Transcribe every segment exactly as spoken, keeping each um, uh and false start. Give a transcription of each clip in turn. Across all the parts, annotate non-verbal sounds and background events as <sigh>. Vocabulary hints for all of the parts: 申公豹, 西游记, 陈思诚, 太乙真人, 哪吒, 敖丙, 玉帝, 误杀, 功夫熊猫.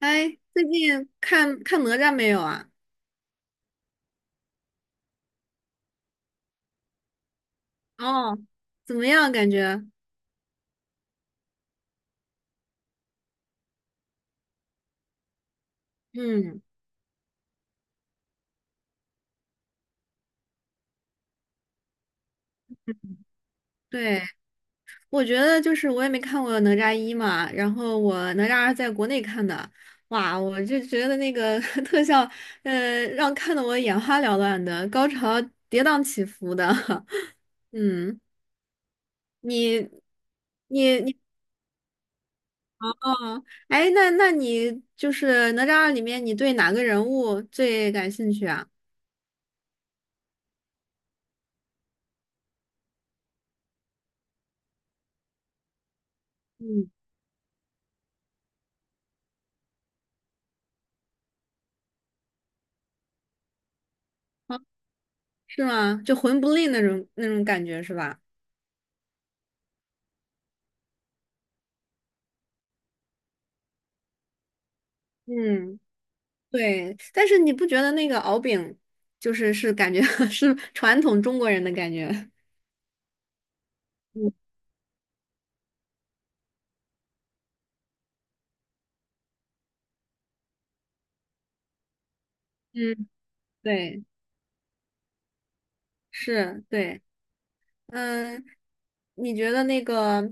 哎，最近看看哪吒没有啊？哦，怎么样？感觉？嗯，对，我觉得就是我也没看过哪吒一嘛，然后我哪吒二在国内看的。哇，我就觉得那个 <laughs> 特效，呃，让看的我眼花缭乱的，高潮跌宕起伏的。<laughs> 嗯，你你你哦，哎，那那你就是哪吒二里面，你对哪个人物最感兴趣啊？嗯。是吗？就魂不吝那种那种感觉是吧？嗯，对，但是你不觉得那个敖丙，就是是感觉 <laughs> 是传统中国人的感觉？嗯嗯，对，是，对。嗯，你觉得那个，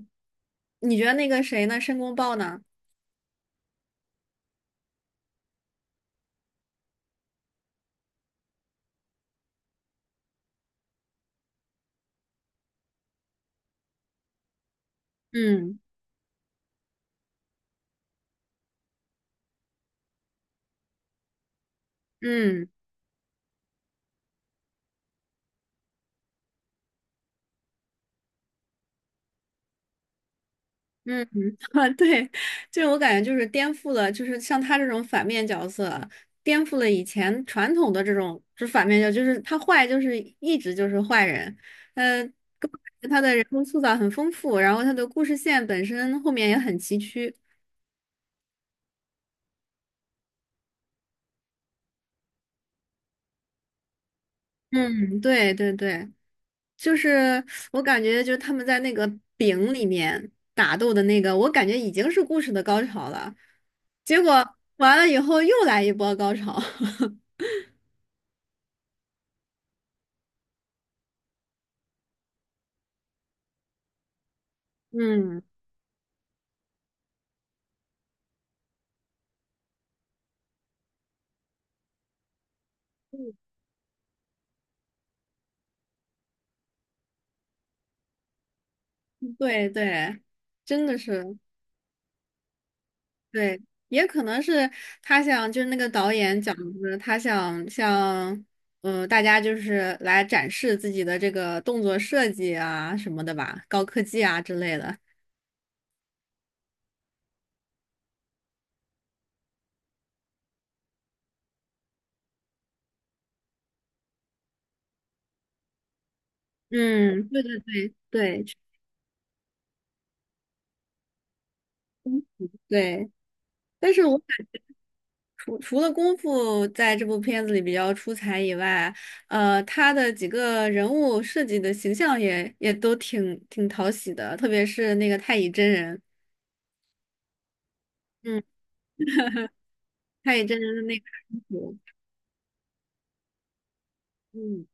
你觉得那个谁呢？申公豹呢？嗯嗯。嗯，<laughs> 啊对，就是我感觉就是颠覆了，就是像他这种反面角色，颠覆了以前传统的这种就是反面角色就是他坏就是一直就是坏人。呃，他的人物塑造很丰富，然后他的故事线本身后面也很崎岖。嗯，对对对，就是我感觉就是他们在那个饼里面打斗的那个，我感觉已经是故事的高潮了，结果完了以后又来一波高潮。<laughs> 嗯。对对，真的是对。也可能是他想，就是那个导演讲的，他想向嗯大家就是来展示自己的这个动作设计啊什么的吧，高科技啊之类的。嗯，对对对对对。但是我感除除了功夫在这部片子里比较出彩以外，呃，他的几个人物设计的形象也也都挺挺讨喜的，特别是那个太乙真人。嗯。太乙真人的那个安抚。嗯，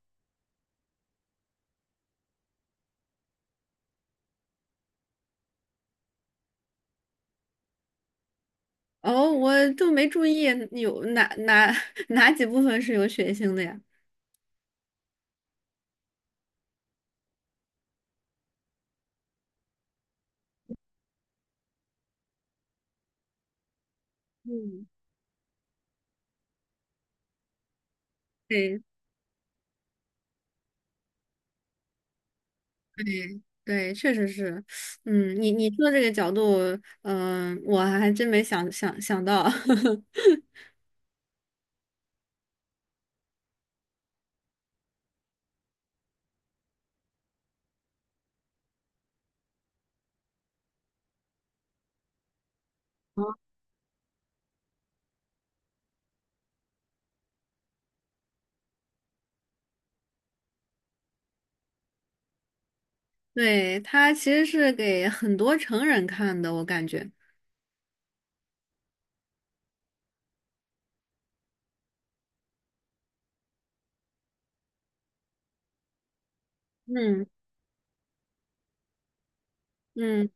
哦，我都没注意有哪哪 <laughs> 哪几部分是有血腥的呀？嗯，对对对，确实是。嗯，你你说这个角度，嗯、我还真没想想想到，<laughs> 对，它其实是给很多成人看的，我感觉。嗯嗯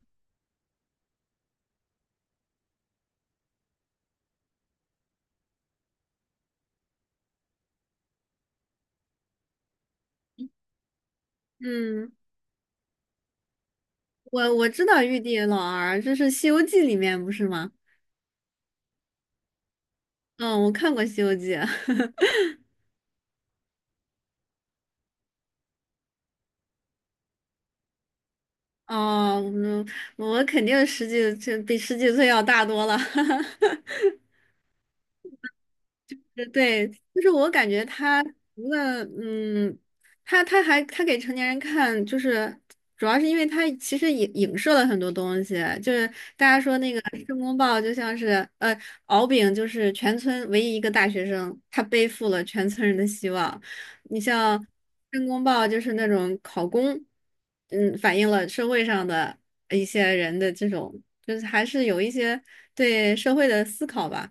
嗯，我我知道玉帝老儿，这是《西游记》里面不是吗？嗯，我看过《西游记》<laughs> 哦，嗯，我肯定十几，岁比十几岁要大多了。<laughs> 对，就是我感觉他除了嗯，他他还他给成年人看，就是主要是因为他其实影影射了很多东西，就是大家说那个申公豹就像是呃敖丙就是全村唯一一个大学生，他背负了全村人的希望。你像申公豹就是那种考公，嗯，反映了社会上的一些人的这种，就是还是有一些对社会的思考吧。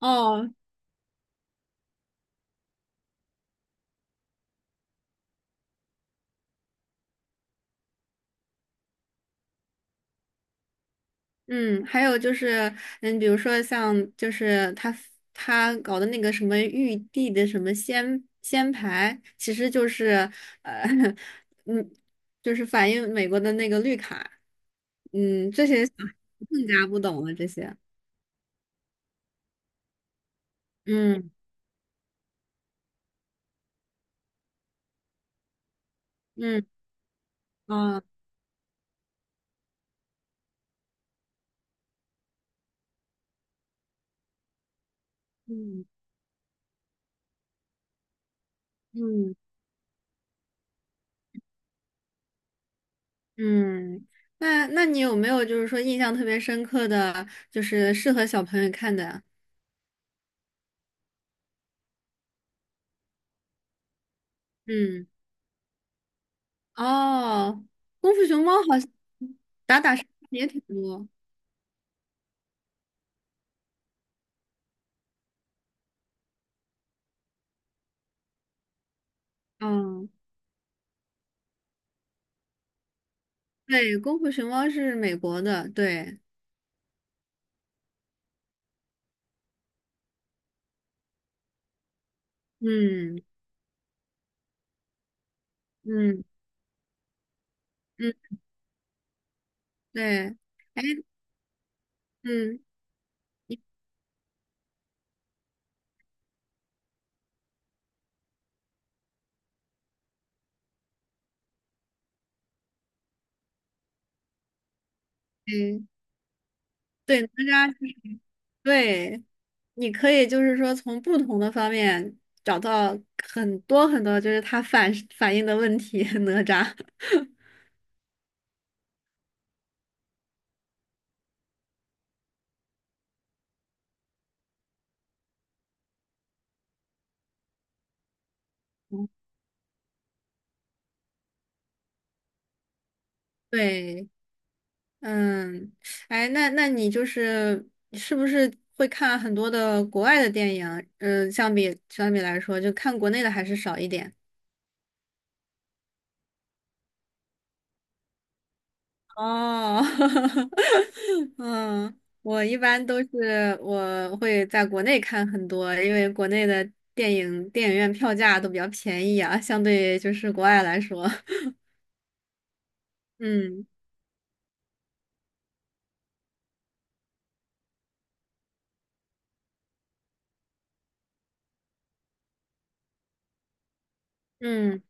哦，嗯，还有就是，嗯，比如说像就是他他搞的那个什么玉帝的什么仙仙牌，其实就是呃，<laughs> 嗯，就是反映美国的那个绿卡。嗯，这些小孩更加不懂了这些。嗯嗯啊嗯嗯嗯，那那你有没有就是说印象特别深刻的，就是适合小朋友看的呀？嗯。哦，功夫熊猫好像打打杀杀也挺多。嗯，对，功夫熊猫是美国的，对，嗯嗯嗯，对，哎，嗯嗯，对，哪吒，对，你可以就是说从不同的方面找到很多很多，就是它反反映的问题，<laughs> 哪吒，<laughs> 对。嗯，哎，那那你就是是不是会看很多的国外的电影？嗯，相比相比来说，就看国内的还是少一点。哦，<laughs> 嗯，我一般都是我会在国内看很多，因为国内的电影电影院票价都比较便宜啊，相对就是国外来说。<laughs> 嗯嗯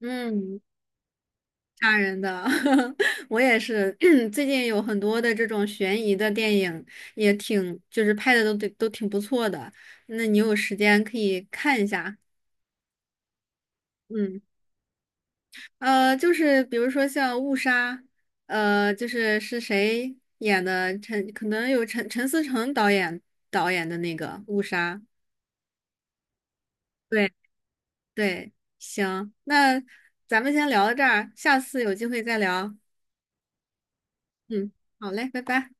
嗯。吓人的，<laughs> 我也是。<clears throat> 最近有很多的这种悬疑的电影，也挺就是拍的都对都挺不错的。那你有时间可以看一下。嗯，呃，就是比如说像《误杀》，呃，就是是谁演的？陈可能有陈陈思诚导演导演的那个《误杀》。对对，行，那咱们先聊到这儿，下次有机会再聊。嗯，好嘞，拜拜。